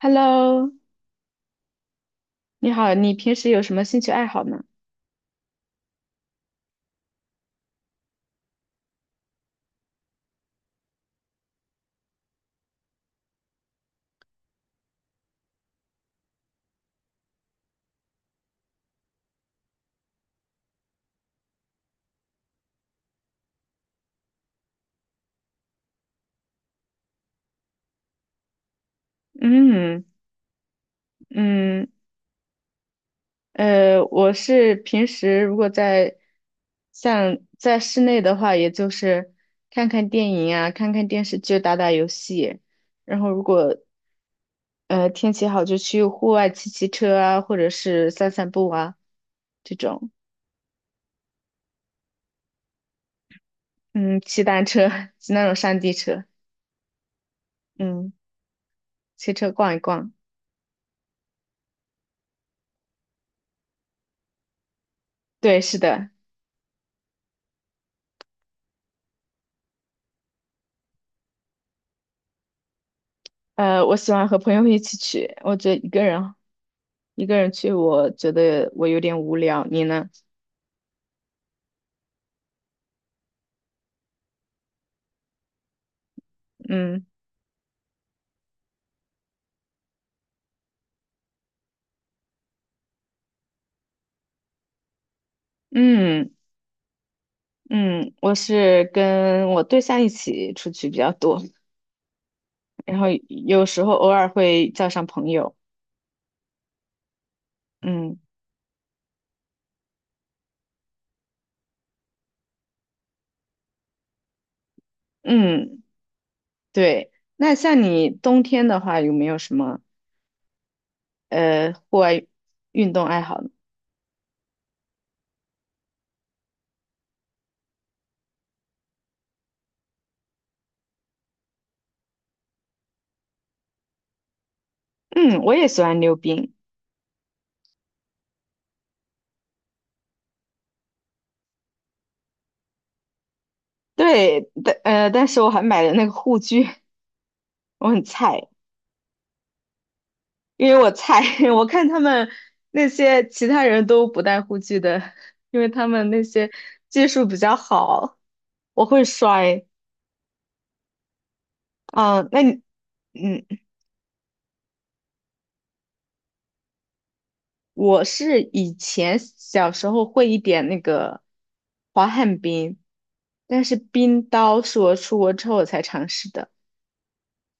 Hello，你好，你平时有什么兴趣爱好呢？嗯嗯，我是平时如果在像在室内的话，也就是看看电影啊，看看电视剧，打打游戏，然后如果天气好，就去户外骑骑车啊，或者是散散步啊，这种。嗯，骑单车，骑那种山地车。嗯，骑车逛一逛。对，是的。我喜欢和朋友一起去，我觉得一个人去，我觉得我有点无聊。你呢？嗯嗯嗯，我是跟我对象一起出去比较多，然后有时候偶尔会叫上朋友。嗯嗯，对。那像你冬天的话，有没有什么户外运动爱好呢？嗯，我也喜欢溜冰。对，但是我还买了那个护具，我很菜。因为我菜，我看他们那些其他人都不戴护具的，因为他们那些技术比较好，我会摔。啊，那你。嗯，我是以前小时候会一点那个滑旱冰，但是冰刀是我出国之后我才尝试的，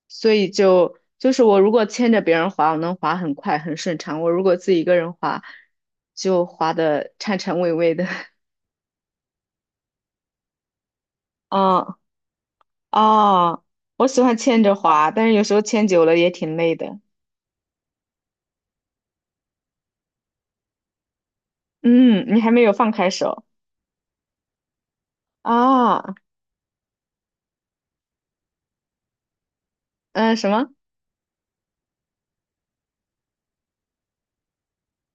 所以就是我如果牵着别人滑，我能滑很快很顺畅；我如果自己一个人滑，就滑的颤颤巍巍的。嗯，哦，我喜欢牵着滑，但是有时候牵久了也挺累的。嗯，你还没有放开手啊？嗯，什么？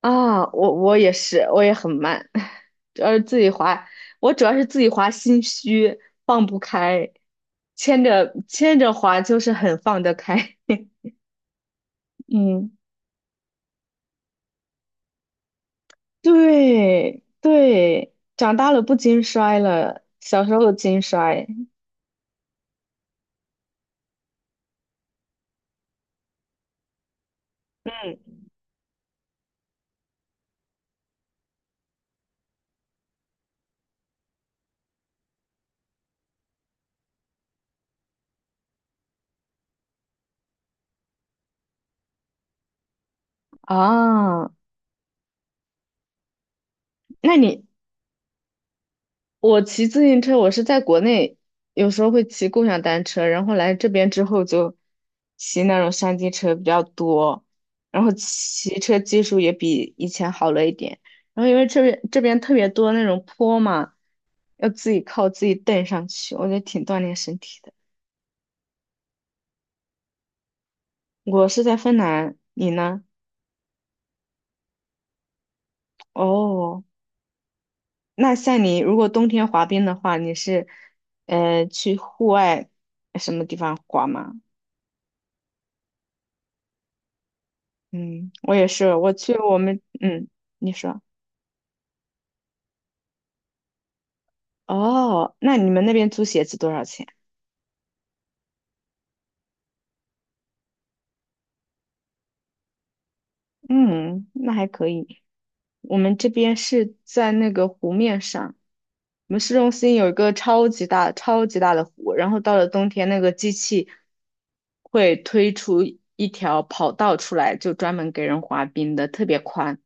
啊？我也是，我也很慢，主要是自己滑，我主要是自己滑心虚，放不开，牵着牵着滑就是很放得开。嗯，对对，长大了不经摔了，小时候经摔嗯啊。那你，我骑自行车，我是在国内有时候会骑共享单车，然后来这边之后就骑那种山地车比较多，然后骑车技术也比以前好了一点。然后因为这边特别多那种坡嘛，要自己靠自己蹬上去，我觉得挺锻炼身体的。我是在芬兰，你呢？哦，那像你如果冬天滑冰的话，你是去户外什么地方滑吗？嗯，我也是，我去我们，嗯，你说。哦，那你们那边租鞋子多少钱？嗯，那还可以。我们这边是在那个湖面上，我们市中心有一个超级大、超级大的湖，然后到了冬天，那个机器会推出一条跑道出来，就专门给人滑冰的，特别宽，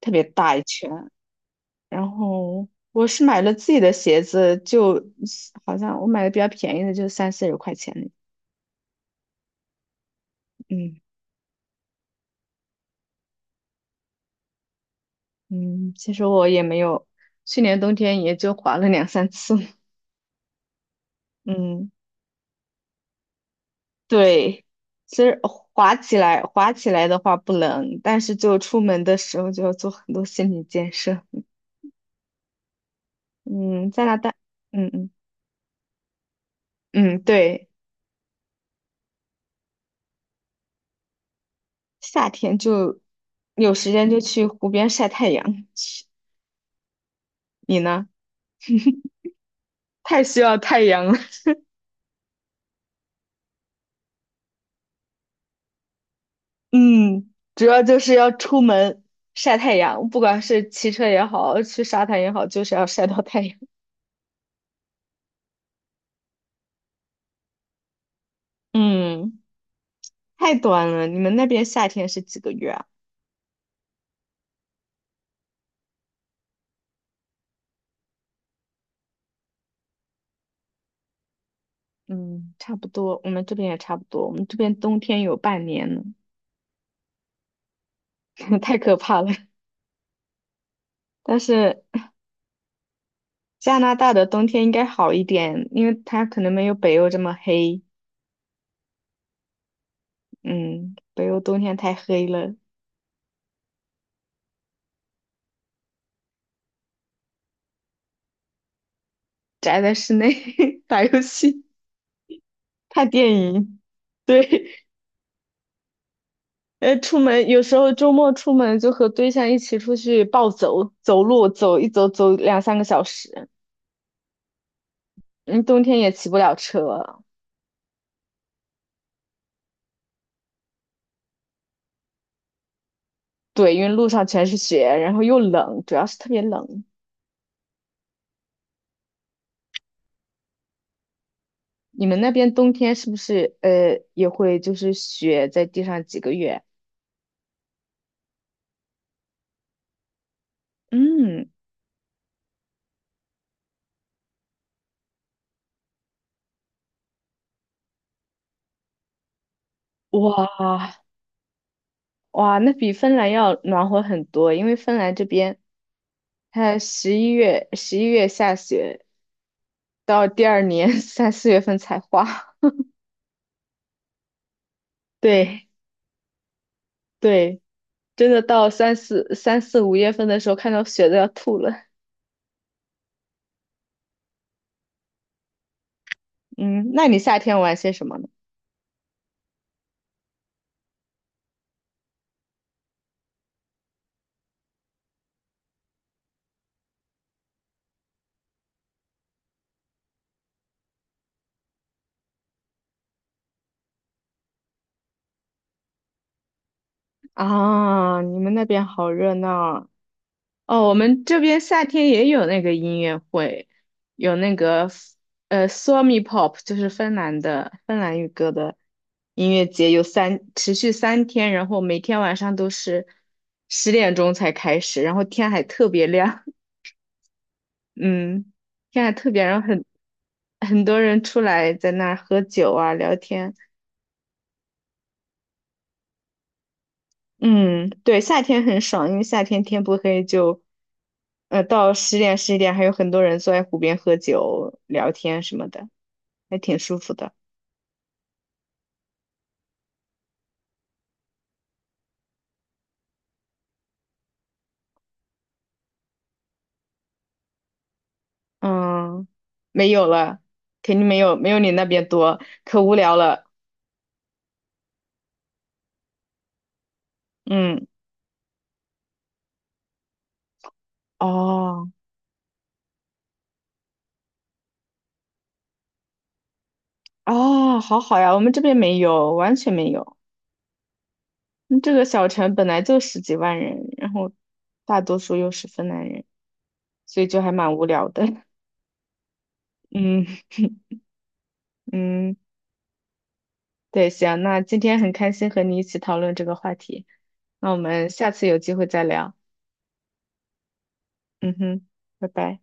特别大一圈。然后我是买了自己的鞋子，就好像我买的比较便宜的，就30-40块钱。嗯嗯，其实我也没有，去年冬天也就滑了两三次。嗯，对，其实滑起来的话不冷，但是就出门的时候就要做很多心理建设。嗯，在那大。嗯嗯嗯，对，夏天就有时间就去湖边晒太阳。你呢？太需要太阳了。嗯，主要就是要出门晒太阳，不管是骑车也好，去沙滩也好，就是要晒到太阳。嗯，太短了。你们那边夏天是几个月啊？嗯，差不多，我们这边也差不多。我们这边冬天有半年呢，太可怕了。但是加拿大的冬天应该好一点，因为它可能没有北欧这么黑。嗯，北欧冬天太黑了，宅在室内 打游戏、看电影。对，出门有时候周末出门就和对象一起出去暴走，走路走一走走两三个小时。嗯，冬天也骑不了车。对，因为路上全是雪，然后又冷，主要是特别冷。你们那边冬天是不是也会就是雪在地上几个月？嗯，哇哇，那比芬兰要暖和很多，因为芬兰这边它十一月下雪，到第二年 三四月份才化。对对，真的到三四五月份的时候，看到雪都要吐了。嗯，那你夏天玩些什么呢？啊，你们那边好热闹哦，我们这边夏天也有那个音乐会，有那个Suomi Pop，就是芬兰的芬兰语歌的音乐节，持续3天，然后每天晚上都是10点钟才开始，然后天还特别亮，嗯，天还特别，然后很多人出来在那儿喝酒啊、聊天。嗯，对，夏天很爽，因为夏天天不黑就，到十点十一点还有很多人坐在湖边喝酒聊天什么的，还挺舒服的。嗯，没有了，肯定没有你那边多，可无聊了。嗯，哦哦，好好呀，我们这边没有，完全没有。嗯，这个小城本来就十几万人，然后大多数又是芬兰人，所以就还蛮无聊的。嗯嗯。对，行，那今天很开心和你一起讨论这个话题，那我们下次有机会再聊。嗯哼，拜拜。